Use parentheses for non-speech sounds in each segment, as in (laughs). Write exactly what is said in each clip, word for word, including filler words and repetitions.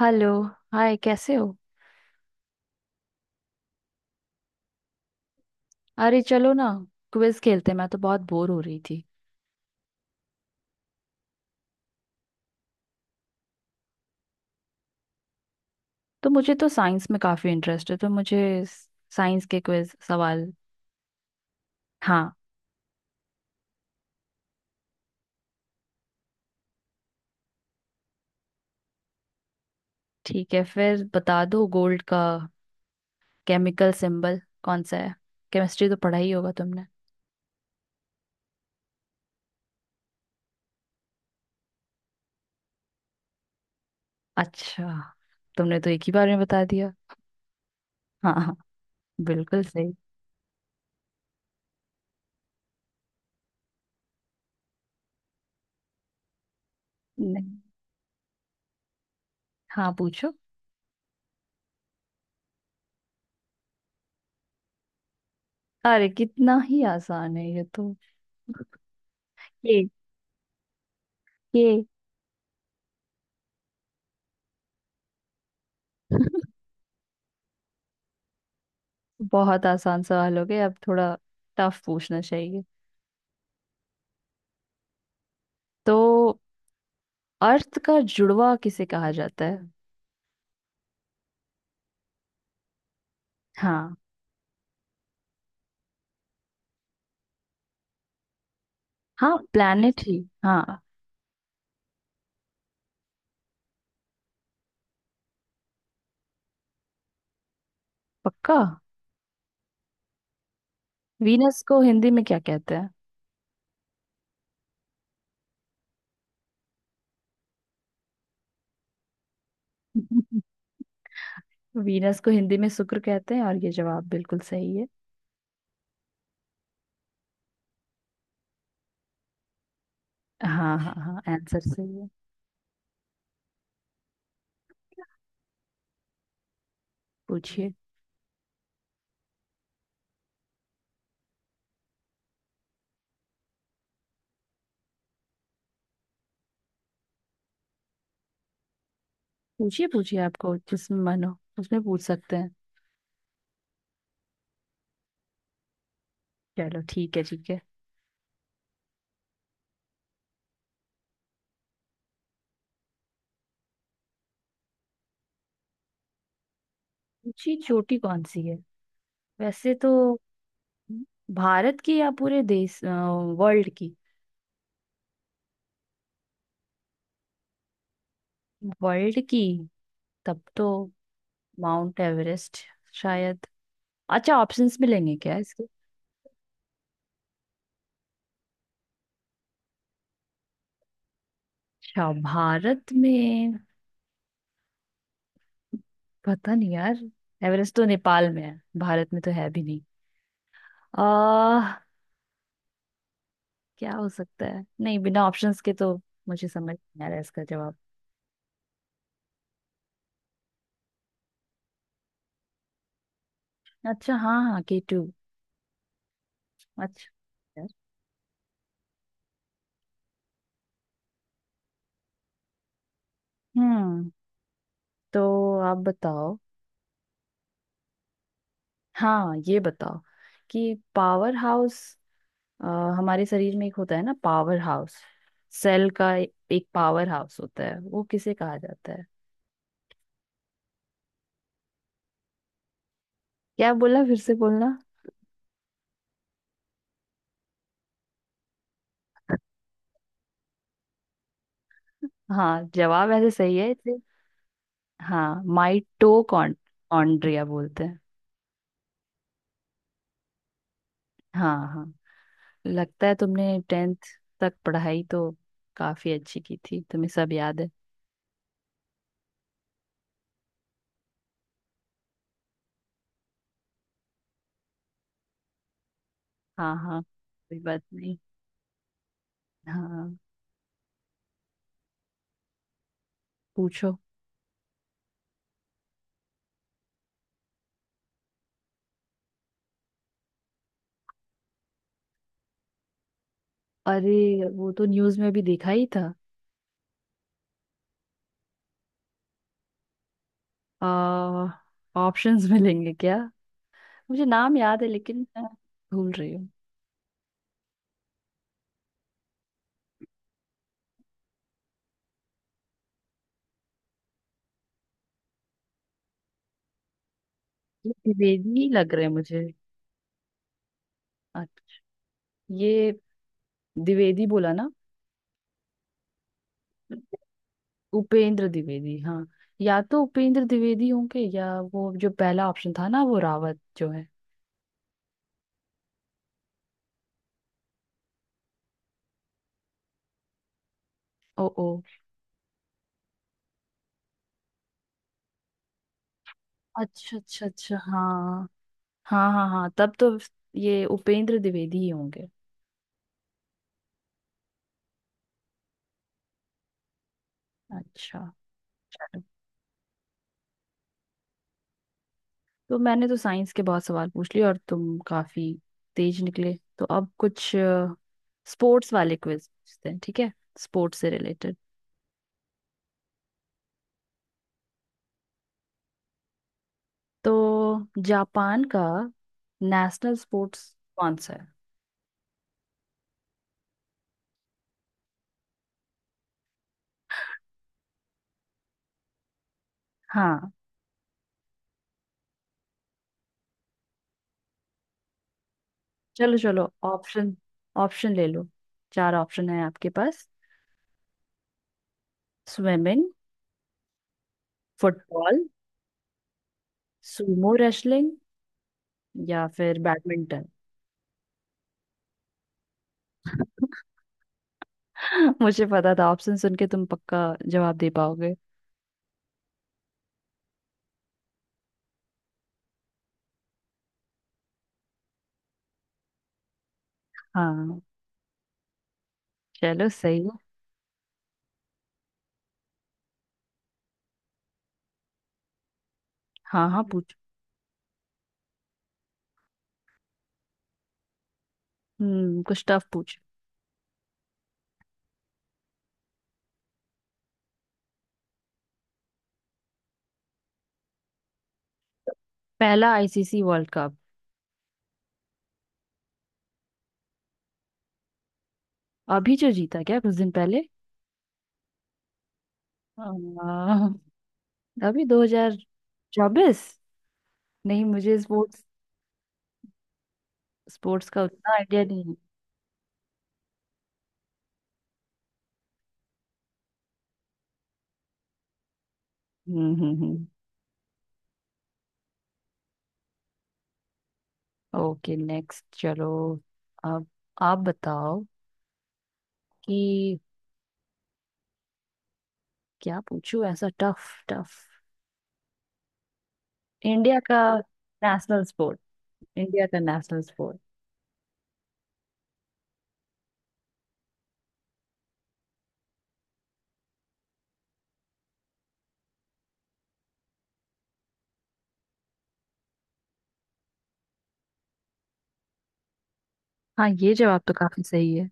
Hello. Hi, कैसे हो? अरे चलो ना, क्विज खेलते हैं। मैं तो बहुत बोर हो रही थी। तो मुझे तो साइंस में काफी इंटरेस्ट है, तो मुझे साइंस के क्विज सवाल। हाँ। ठीक है, फिर बता दो, गोल्ड का केमिकल सिंबल कौन सा है? केमिस्ट्री तो पढ़ा ही होगा तुमने। अच्छा, तुमने तो एक ही बार में बता दिया। हाँ, हाँ। बिल्कुल सही। नहीं। हाँ, पूछो। अरे, कितना ही आसान है ये तो। के। के। (laughs) बहुत आसान सवाल हो गए, अब थोड़ा टफ पूछना चाहिए। तो अर्थ का जुड़वा किसे कहा जाता है? हाँ। हाँ, प्लैनेट ही। हाँ। पक्का। वीनस को हिंदी में क्या कहते हैं? (laughs) वीनस को हिंदी में शुक्र कहते हैं, और ये जवाब बिल्कुल सही है। हाँ, हाँ, हाँ, आंसर सही है। पूछिए, पूछिए, पूछिए, आपको जिसमें मन हो उसमें पूछ सकते हैं। चलो, ठीक है, ठीक है। ऊंची चोटी कौन सी है? वैसे तो भारत की, या पूरे देश वर्ल्ड की? वर्ल्ड की? तब तो माउंट एवरेस्ट, शायद। अच्छा, ऑप्शंस मिलेंगे क्या इसके? अच्छा, भारत में पता नहीं यार। एवरेस्ट तो नेपाल में है, भारत में तो है भी नहीं। आ क्या हो सकता है? नहीं, बिना ऑप्शंस के तो मुझे समझ नहीं आ रहा है इसका जवाब। अच्छा, हाँ, हाँ, के टू। अच्छा यार। हम्म। तो आप बताओ। हाँ, ये बताओ कि पावर हाउस, अ, हमारे शरीर में एक होता है ना पावर हाउस, सेल का ए- एक पावर हाउस होता है, वो किसे कहा जाता है? क्या बोला? फिर से बोलना। हाँ, जवाब ऐसे सही है इसे। हाँ, माइटोकॉन्ड्रिया बोलते हैं। हाँ, हाँ। लगता है तुमने टेंथ तक पढ़ाई तो काफी अच्छी की थी, तुम्हें सब याद है। हाँ, हाँ, कोई बात नहीं। हाँ, पूछो। अरे, वो तो न्यूज में भी देखा ही था। आ ऑप्शंस (laughs) मिलेंगे क्या? मुझे नाम याद है, लेकिन मैं भूल रही हूँ। ये द्विवेदी ही लग रहे हैं मुझे। अच्छा। ये द्विवेदी बोला ना? उपेंद्र द्विवेदी, हाँ। या तो उपेंद्र द्विवेदी होंगे, या वो जो पहला ऑप्शन था ना, वो रावत जो है। ओ, ओ। अच्छा, अच्छा, अच्छा, हाँ। हाँ, हाँ, हाँ, तब तो ये उपेंद्र द्विवेदी ही होंगे। अच्छा। तो मैंने तो साइंस के बहुत सवाल पूछ लिए, और तुम काफी तेज निकले, तो अब कुछ स्पोर्ट्स वाले क्विज पूछते हैं, ठीक है? स्पोर्ट्स से रिलेटेड। तो जापान का नेशनल स्पोर्ट्स कौन सा है? हाँ, चलो, चलो, ऑप्शन। ऑप्शन ले लो। चार ऑप्शन है आपके पास। स्विमिंग, फुटबॉल, सुमो रेसलिंग या फिर बैडमिंटन। (laughs) मुझे पता था ऑप्शन सुन के तुम पक्का जवाब दे पाओगे। हाँ, चलो, सही है। हाँ, हाँ, पूछ। हम्म, कुछ टफ पूछ। पहला आईसीसी वर्ल्ड कप? अभी जो जीता, क्या कुछ दिन पहले? आ, अभी दो हज़ार चौबीस। नहीं, मुझे स्पोर्ट्स स्पोर्ट्स का उतना आइडिया नहीं है। Hmm, hmm, hmm. Okay, next चलो। अब आप बताओ कि क्या पूछूं ऐसा टफ टफ, इंडिया का नेशनल स्पोर्ट। इंडिया का नेशनल स्पोर्ट? हाँ, ये जवाब तो काफी सही है।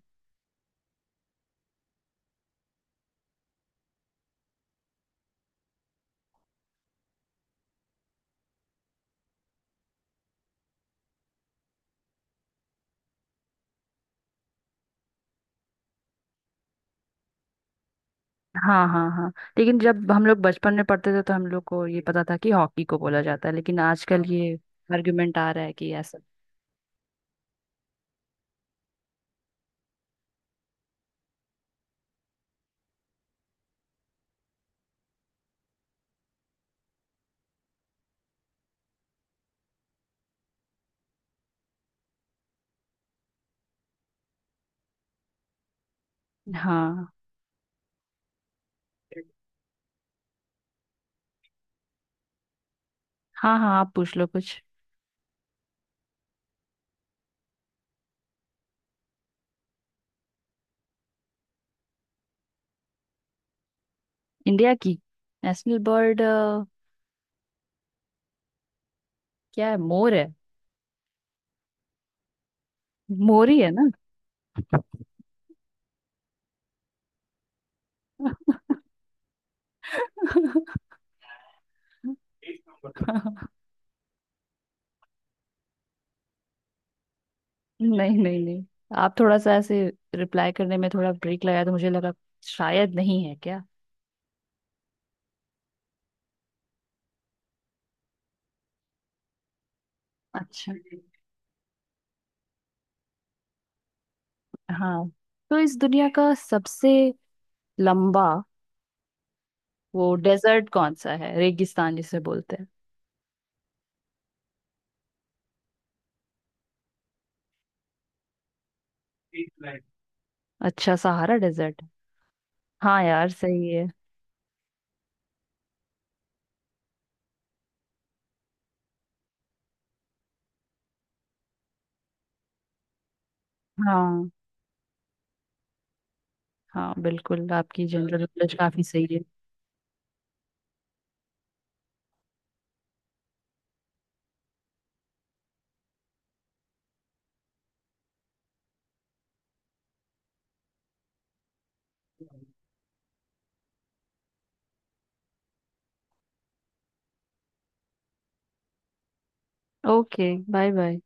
हाँ, हाँ, हाँ, लेकिन जब हम लोग बचपन में पढ़ते थे तो हम लोग को ये पता था कि हॉकी को बोला जाता है, लेकिन आजकल हाँ ये आर्गुमेंट आ रहा है कि ऐसा। हाँ, हाँ, हाँ, आप पूछ लो कुछ। इंडिया की नेशनल बर्ड क्या है, मोर है? मोर ही है ना? (laughs) नहीं, नहीं, नहीं। आप थोड़ा सा ऐसे रिप्लाई करने में थोड़ा ब्रेक लगाया, तो मुझे लगा शायद नहीं है क्या। अच्छा। हाँ। तो इस दुनिया का सबसे लंबा वो डेजर्ट कौन सा है, रेगिस्तान जिसे बोलते हैं? Heathland। अच्छा, सहारा डेजर्ट है। हाँ यार, सही है। हाँ, हाँ, बिल्कुल आपकी जनरल नॉलेज काफी सही है। Okay, bye, bye.